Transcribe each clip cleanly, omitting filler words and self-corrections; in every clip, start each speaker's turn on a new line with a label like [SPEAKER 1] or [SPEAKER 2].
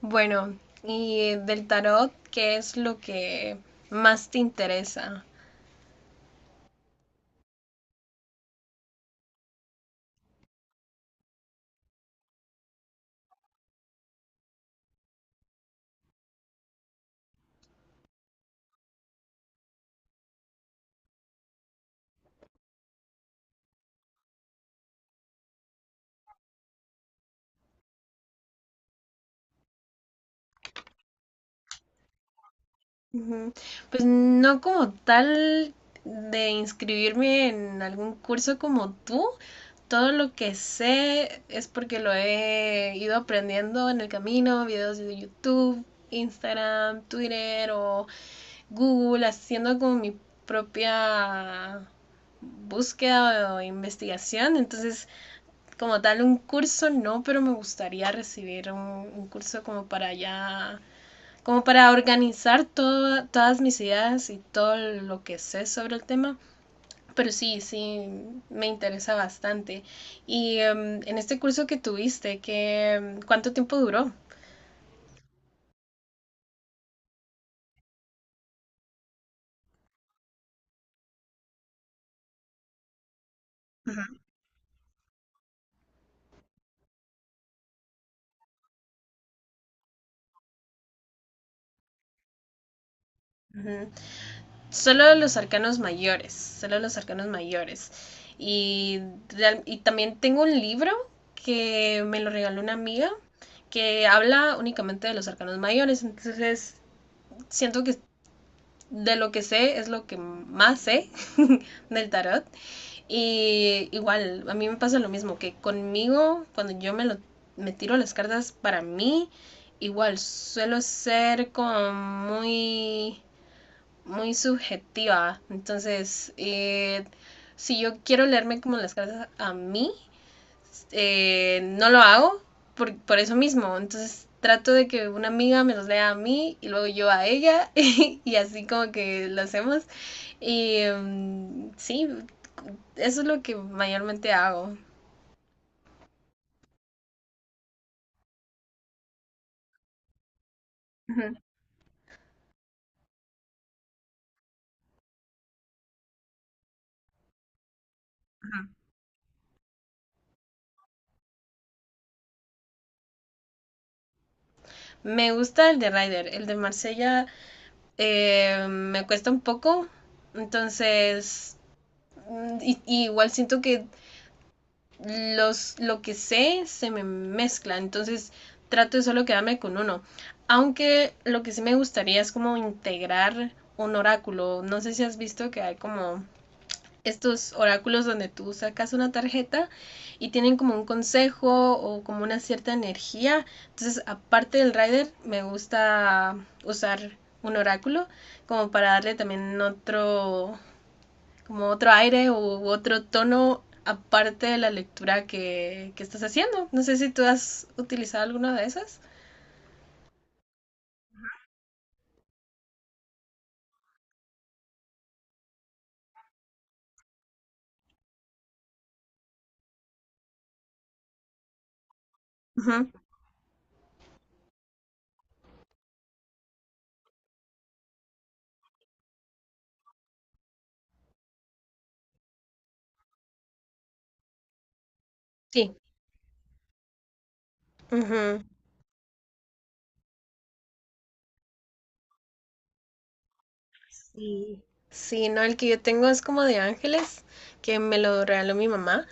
[SPEAKER 1] Bueno, y del tarot, ¿qué es lo que más te interesa? Ujú. Pues no como tal de inscribirme en algún curso como tú. Todo lo que sé es porque lo he ido aprendiendo en el camino, videos de YouTube, Instagram, Twitter o Google, haciendo como mi propia búsqueda o investigación. Entonces como tal un curso, no, pero me gustaría recibir un curso como para ya, como para organizar todo, todas mis ideas y todo lo que sé sobre el tema. Pero sí, sí, me interesa bastante. Y en este curso que tuviste, ¿qué, cuánto tiempo duró? Ujú. Ujú. Solo los arcanos mayores, solo los arcanos mayores. Y, y también tengo un libro que me lo regaló una amiga que habla únicamente de los arcanos mayores. Entonces, siento que de lo que sé es lo que más sé del tarot. Y igual, a mí me pasa lo mismo, que conmigo, cuando yo me, lo, me tiro las cartas para mí, igual suelo ser como muy subjetiva. Entonces, si yo quiero leerme como las cartas a mí, no lo hago eso mismo. Entonces, trato de que una amiga me los lea a mí y luego yo a ella y así como que lo hacemos. Y sí, eso es lo que mayormente hago. Uh -huh. Me gusta el de Ryder, el de Marsella me cuesta un poco, entonces y igual siento que los, lo que sé se me mezcla, entonces trato de solo quedarme con uno. Aunque lo que sí me gustaría es como integrar un oráculo. No sé si has visto que hay como estos oráculos donde tú sacas una tarjeta y tienen como un consejo o como una cierta energía. Entonces, aparte del rider, me gusta usar un oráculo como para darle también otro, como otro aire u otro tono aparte de la lectura que estás haciendo. No sé si tú has utilizado alguna de esas. Ujú. Sí. Ujú. Sí, no, el que yo tengo es como de ángeles, que me lo regaló mi mamá.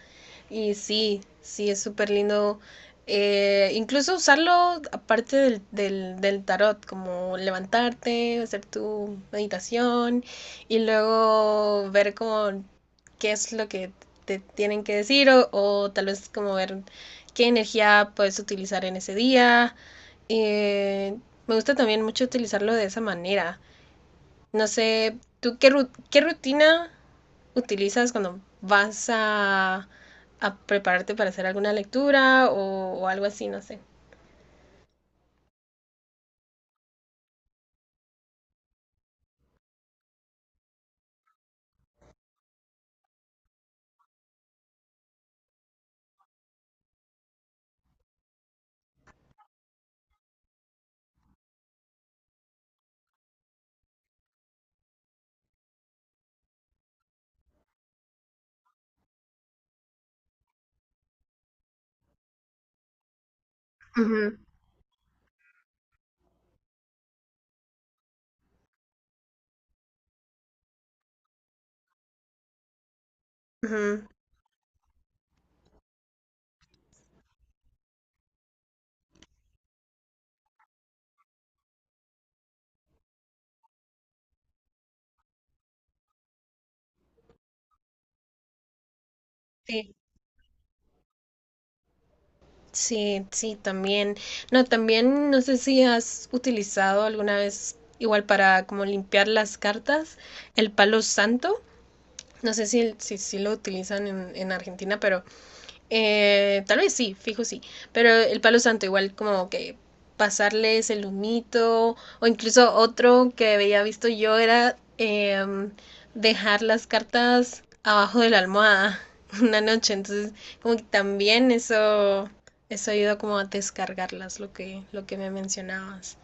[SPEAKER 1] Y sí, sí, es súper lindo. Incluso usarlo aparte del tarot, como levantarte, hacer tu meditación y luego ver como qué es lo que te tienen que decir o tal vez como ver qué energía puedes utilizar en ese día. Eh, Me gusta también mucho utilizarlo de esa manera. No sé, ¿tú qué, qué rutina utilizas cuando vas a prepararte para hacer alguna lectura o algo así? No sé. Ujú. Ujú. Sí, sí, sí, también. No, también no sé si has utilizado alguna vez, igual para como limpiar las cartas, el palo santo. No sé si, si, si lo utilizan en Argentina, pero tal vez sí, fijo sí. Pero el palo santo, igual como que pasarles el humito, o incluso otro que había visto yo era dejar las cartas abajo de la almohada una noche. Entonces, como que también eso ayuda como a descargarlas, lo que me mencionabas.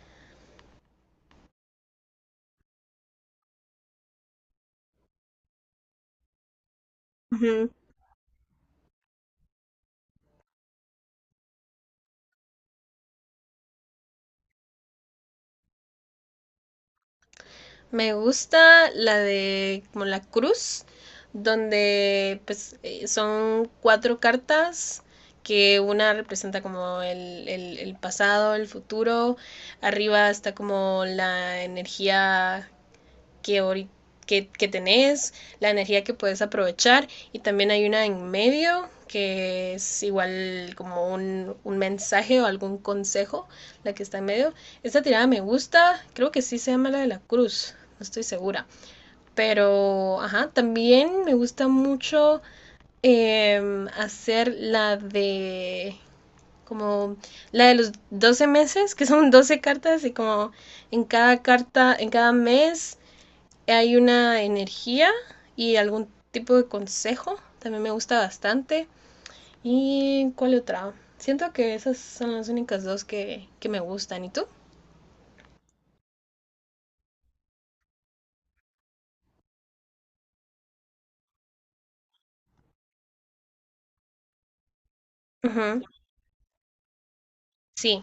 [SPEAKER 1] Me gusta la de como la cruz, donde pues son cuatro cartas que una representa como el pasado, el futuro, arriba está como la energía que, que tenés, la energía que puedes aprovechar, y también hay una en medio que es igual como un mensaje o algún consejo, la que está en medio. Esta tirada me gusta, creo que sí se llama la de la cruz, no estoy segura. Pero, ajá, también me gusta mucho hacer la de como la de los 12 meses, que son 12 cartas y como en cada carta, en cada mes hay una energía y algún tipo de consejo, también me gusta bastante. ¿Y cuál otra? Siento que esas son las únicas dos que me gustan. ¿Y tú? Ujú. Sí,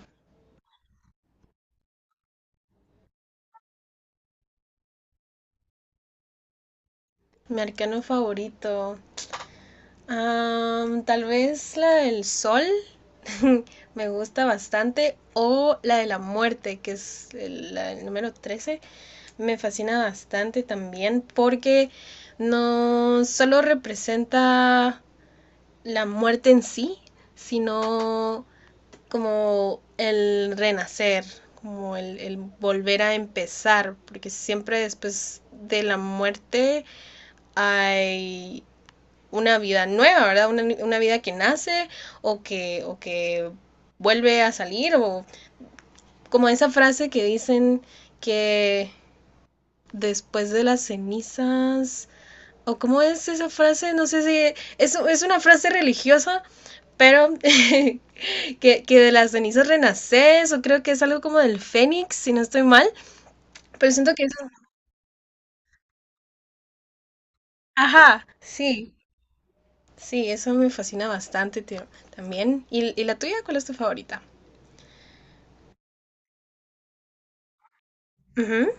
[SPEAKER 1] mi arcano favorito. Tal vez la del sol me gusta bastante, o la de la muerte, que es la del número 13. Me fascina bastante también porque no solo representa la muerte en sí, sino como el renacer, como volver a empezar, porque siempre después de la muerte hay una vida nueva, ¿verdad? Una vida que nace o que vuelve a salir, o como esa frase que dicen que después de las cenizas, o cómo es esa frase, no sé si es, es una frase religiosa, pero que, de las cenizas renaces, o creo que es algo como del fénix, si no estoy mal, pero siento que eso, ajá, sí, sí, eso me fascina bastante tío, también. ¿Y ¿Y, la tuya cuál es tu favorita? Uh -huh,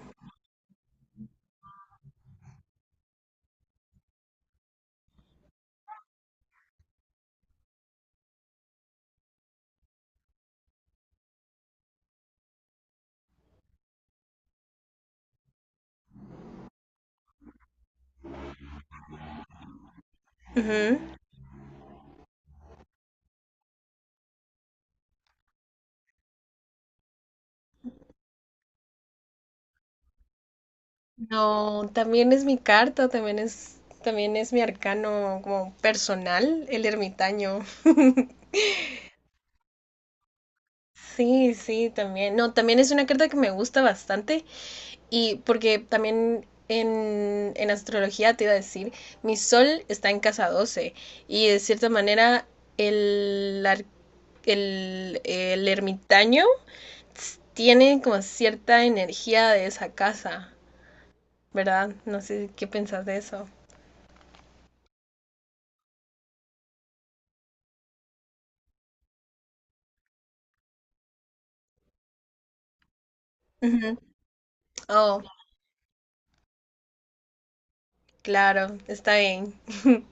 [SPEAKER 1] uh -huh. No, también es mi carta, también es... También es mi arcano como personal, el ermitaño. Sí, sí, también. No, también es una carta que me gusta bastante. Y porque también en astrología te iba a decir, mi sol está en casa 12, y de cierta manera el, el ermitaño tiene como cierta energía de esa casa, ¿verdad? No sé qué pensás de eso. Ujú. Oh, claro, está bien.